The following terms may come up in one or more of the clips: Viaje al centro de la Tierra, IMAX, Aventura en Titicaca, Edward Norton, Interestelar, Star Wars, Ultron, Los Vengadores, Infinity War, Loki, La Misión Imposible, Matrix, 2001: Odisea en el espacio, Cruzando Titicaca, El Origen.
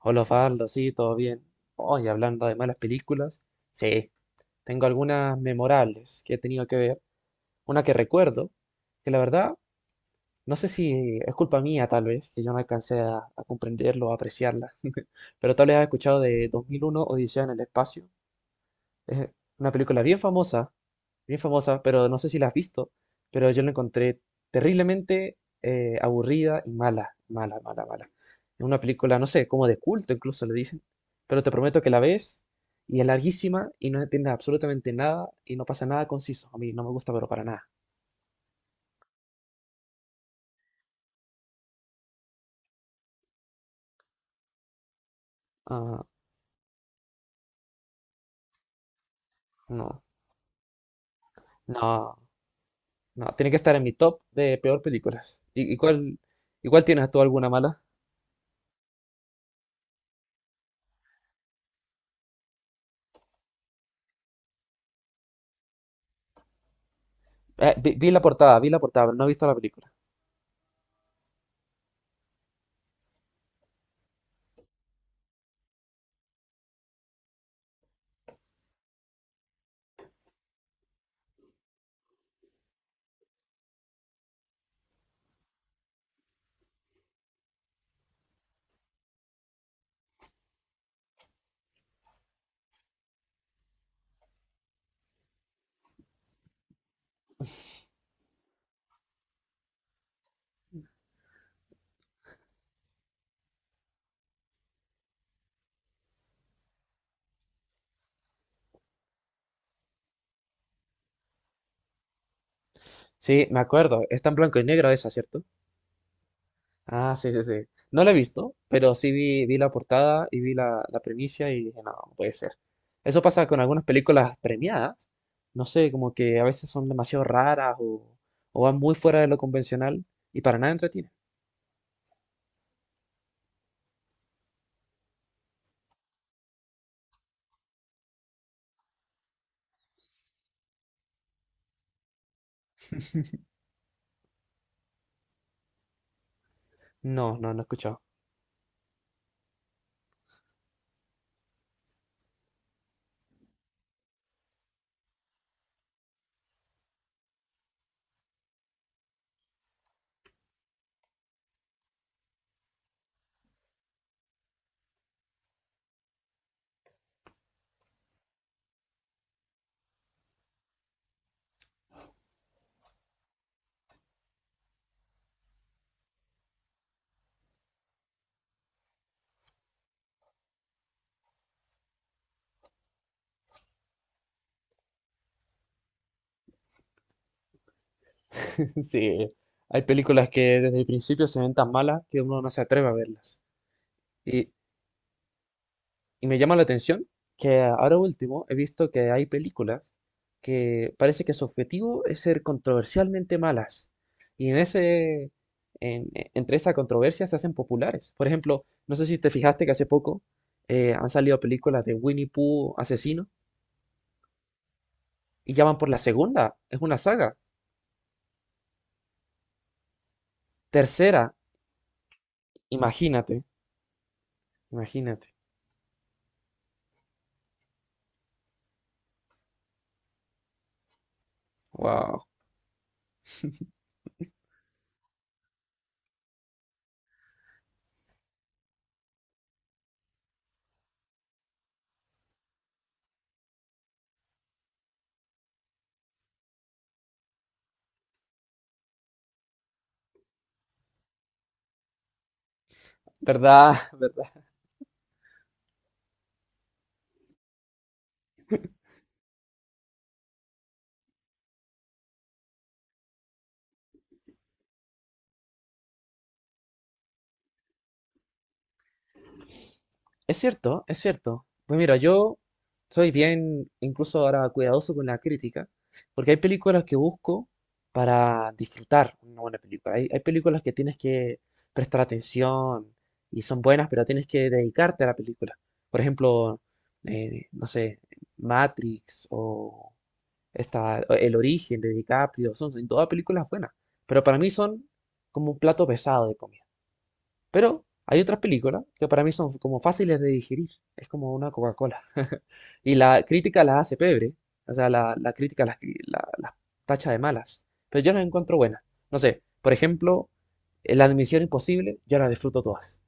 Hola, Faldo, sí, todo bien. Hoy, hablando de malas películas, sí, tengo algunas memorables que he tenido que ver. Una que recuerdo, que la verdad, no sé si es culpa mía, tal vez, que yo no alcancé a comprenderlo o apreciarla, pero tal vez has escuchado de 2001, Odisea en el espacio. Es una película bien famosa, pero no sé si la has visto, pero yo la encontré terriblemente aburrida y mala, mala, mala, mala. Es una película, no sé, como de culto incluso le dicen, pero te prometo que la ves y es larguísima y no entiendes absolutamente nada y no pasa nada conciso. A mí no me gusta, pero para nada. Ah, no, no, no, tiene que estar en mi top de peor películas. ¿Y cuál tienes tú alguna mala? Vi la portada, vi la portada, pero no he visto la película. Sí, me acuerdo. Está en blanco y negro esa, ¿cierto? Ah, sí, sí, sí. No la he visto, pero sí vi, vi la portada y vi la premisa y dije, no, no puede ser. Eso pasa con algunas películas premiadas. No sé, como que a veces son demasiado raras o van muy fuera de lo convencional y para nada entretienen. No, no, no he escuchado. Sí, hay películas que desde el principio se ven tan malas que uno no se atreve a verlas. Y, Y me llama la atención que ahora último he visto que hay películas que parece que su objetivo es ser controversialmente malas. Y en ese, en- e- entre esa controversia se hacen populares. Por ejemplo, no sé si te fijaste que hace poco han salido películas de Winnie Pooh asesino y ya van por la segunda. Es una saga. Tercera, imagínate, imagínate. Wow. ¿Verdad? Es cierto, es cierto. Pues mira, yo soy bien, incluso ahora cuidadoso con la crítica, porque hay películas que busco para disfrutar una buena película. Hay películas que tienes que prestar atención y son buenas, pero tienes que dedicarte a la película. Por ejemplo, no sé, Matrix o esta, o El Origen de DiCaprio, son todas películas buenas, pero para mí son como un plato pesado de comida. Pero hay otras películas que para mí son como fáciles de digerir. Es como una Coca-Cola. Y la crítica las hace pebre. O sea, la crítica las tacha de malas. Pero yo las encuentro buenas. No sé, por ejemplo, en La Misión Imposible, yo las disfruto todas.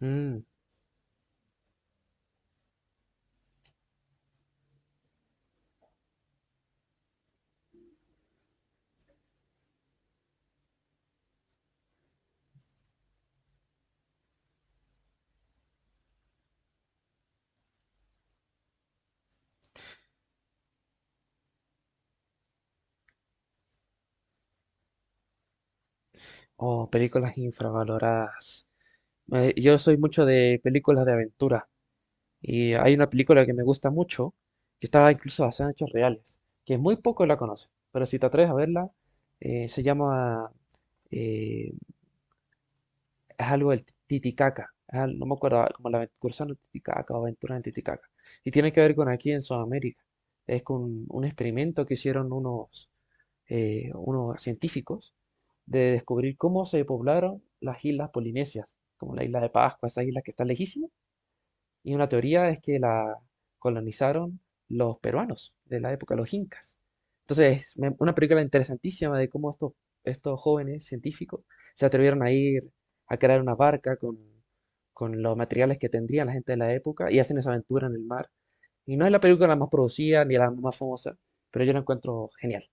Mm. Oh, películas infravaloradas. Yo soy mucho de películas de aventura. Y hay una película que me gusta mucho, que está incluso basada en hechos reales, que muy poco la conocen, pero si te atreves a verla, eh, se llama, eh, es algo del Titicaca, no me acuerdo, ah, Cruzando Titicaca o Aventura en Titicaca, y tiene que ver con aquí en Sudamérica, es con un experimento que hicieron unos científicos de descubrir cómo se poblaron las islas polinesias, como la isla de Pascua, esas islas que están lejísimas y una teoría es que la colonizaron los peruanos de la época, los incas. Entonces, una película interesantísima de cómo estos jóvenes científicos se atrevieron a ir a crear una barca con los materiales que tendría la gente de la época y hacen esa aventura en el mar. Y no es la película más producida ni la más famosa, pero yo la encuentro genial.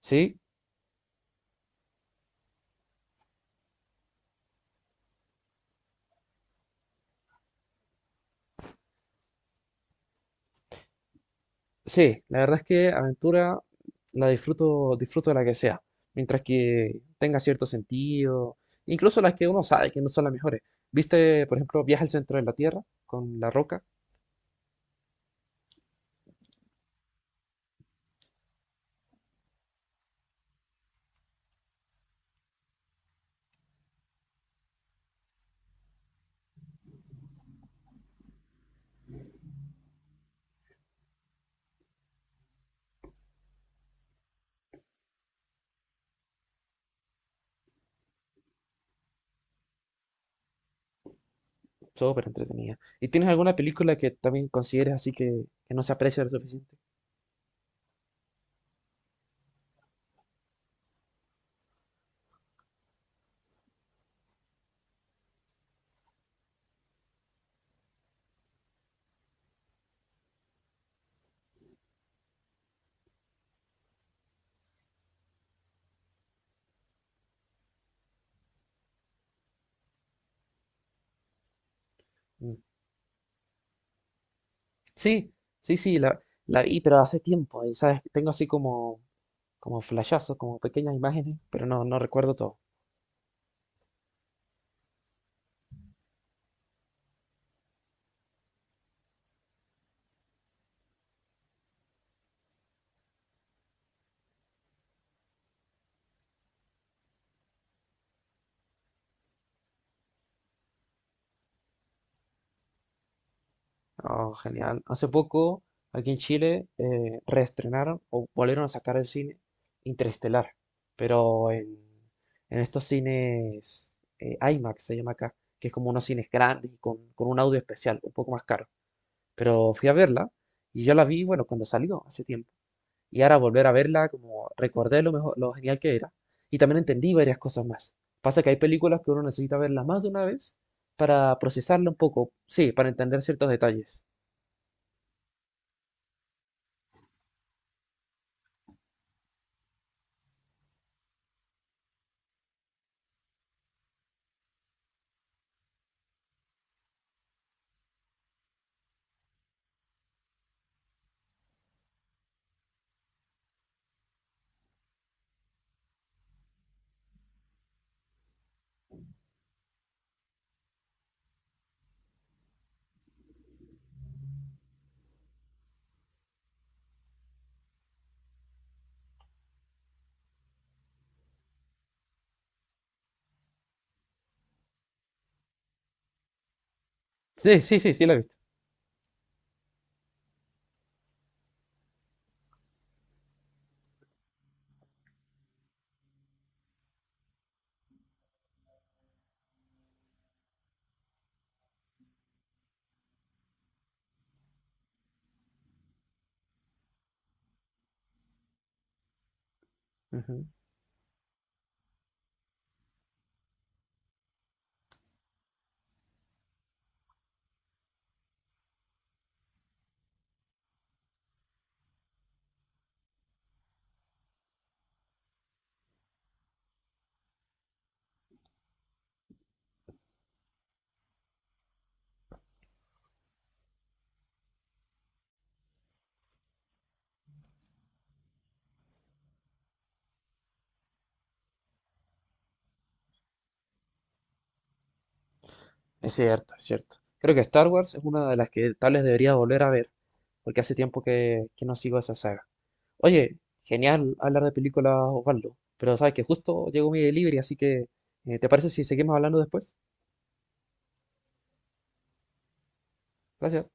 ¿Sí? Sí, la verdad es que aventura la disfruto, disfruto de la que sea, mientras que tenga cierto sentido, incluso las que uno sabe que no son las mejores. ¿Viste, por ejemplo, Viaje al centro de la Tierra con La Roca? Súper entretenida. ¿Y tienes alguna película que también consideres así que no se aprecia lo suficiente? Mm. Sí, sí, sí, la vi, pero hace tiempo, y sabes, tengo así como, como flashazos, como pequeñas imágenes, pero no, no recuerdo todo. Oh, genial. Hace poco, aquí en Chile, reestrenaron o volvieron a sacar el cine Interestelar, pero en estos cines IMAX se llama acá, que es como unos cines grandes y con un audio especial, un poco más caro. Pero fui a verla y yo la vi, bueno, cuando salió, hace tiempo. Y ahora volver a verla, como recordé lo mejor, lo genial que era. Y también entendí varias cosas más. Pasa que hay películas que uno necesita verlas más de una vez para procesarla un poco, sí, para entender ciertos detalles. Sí, sí, sí, sí la he visto. Ujú. Es cierto, es cierto. Creo que Star Wars es una de las que tal vez debería volver a ver, porque hace tiempo que no sigo esa saga. Oye, genial hablar de películas, Osvaldo, pero sabes que justo llegó mi delivery, así que ¿te parece si seguimos hablando después? Gracias.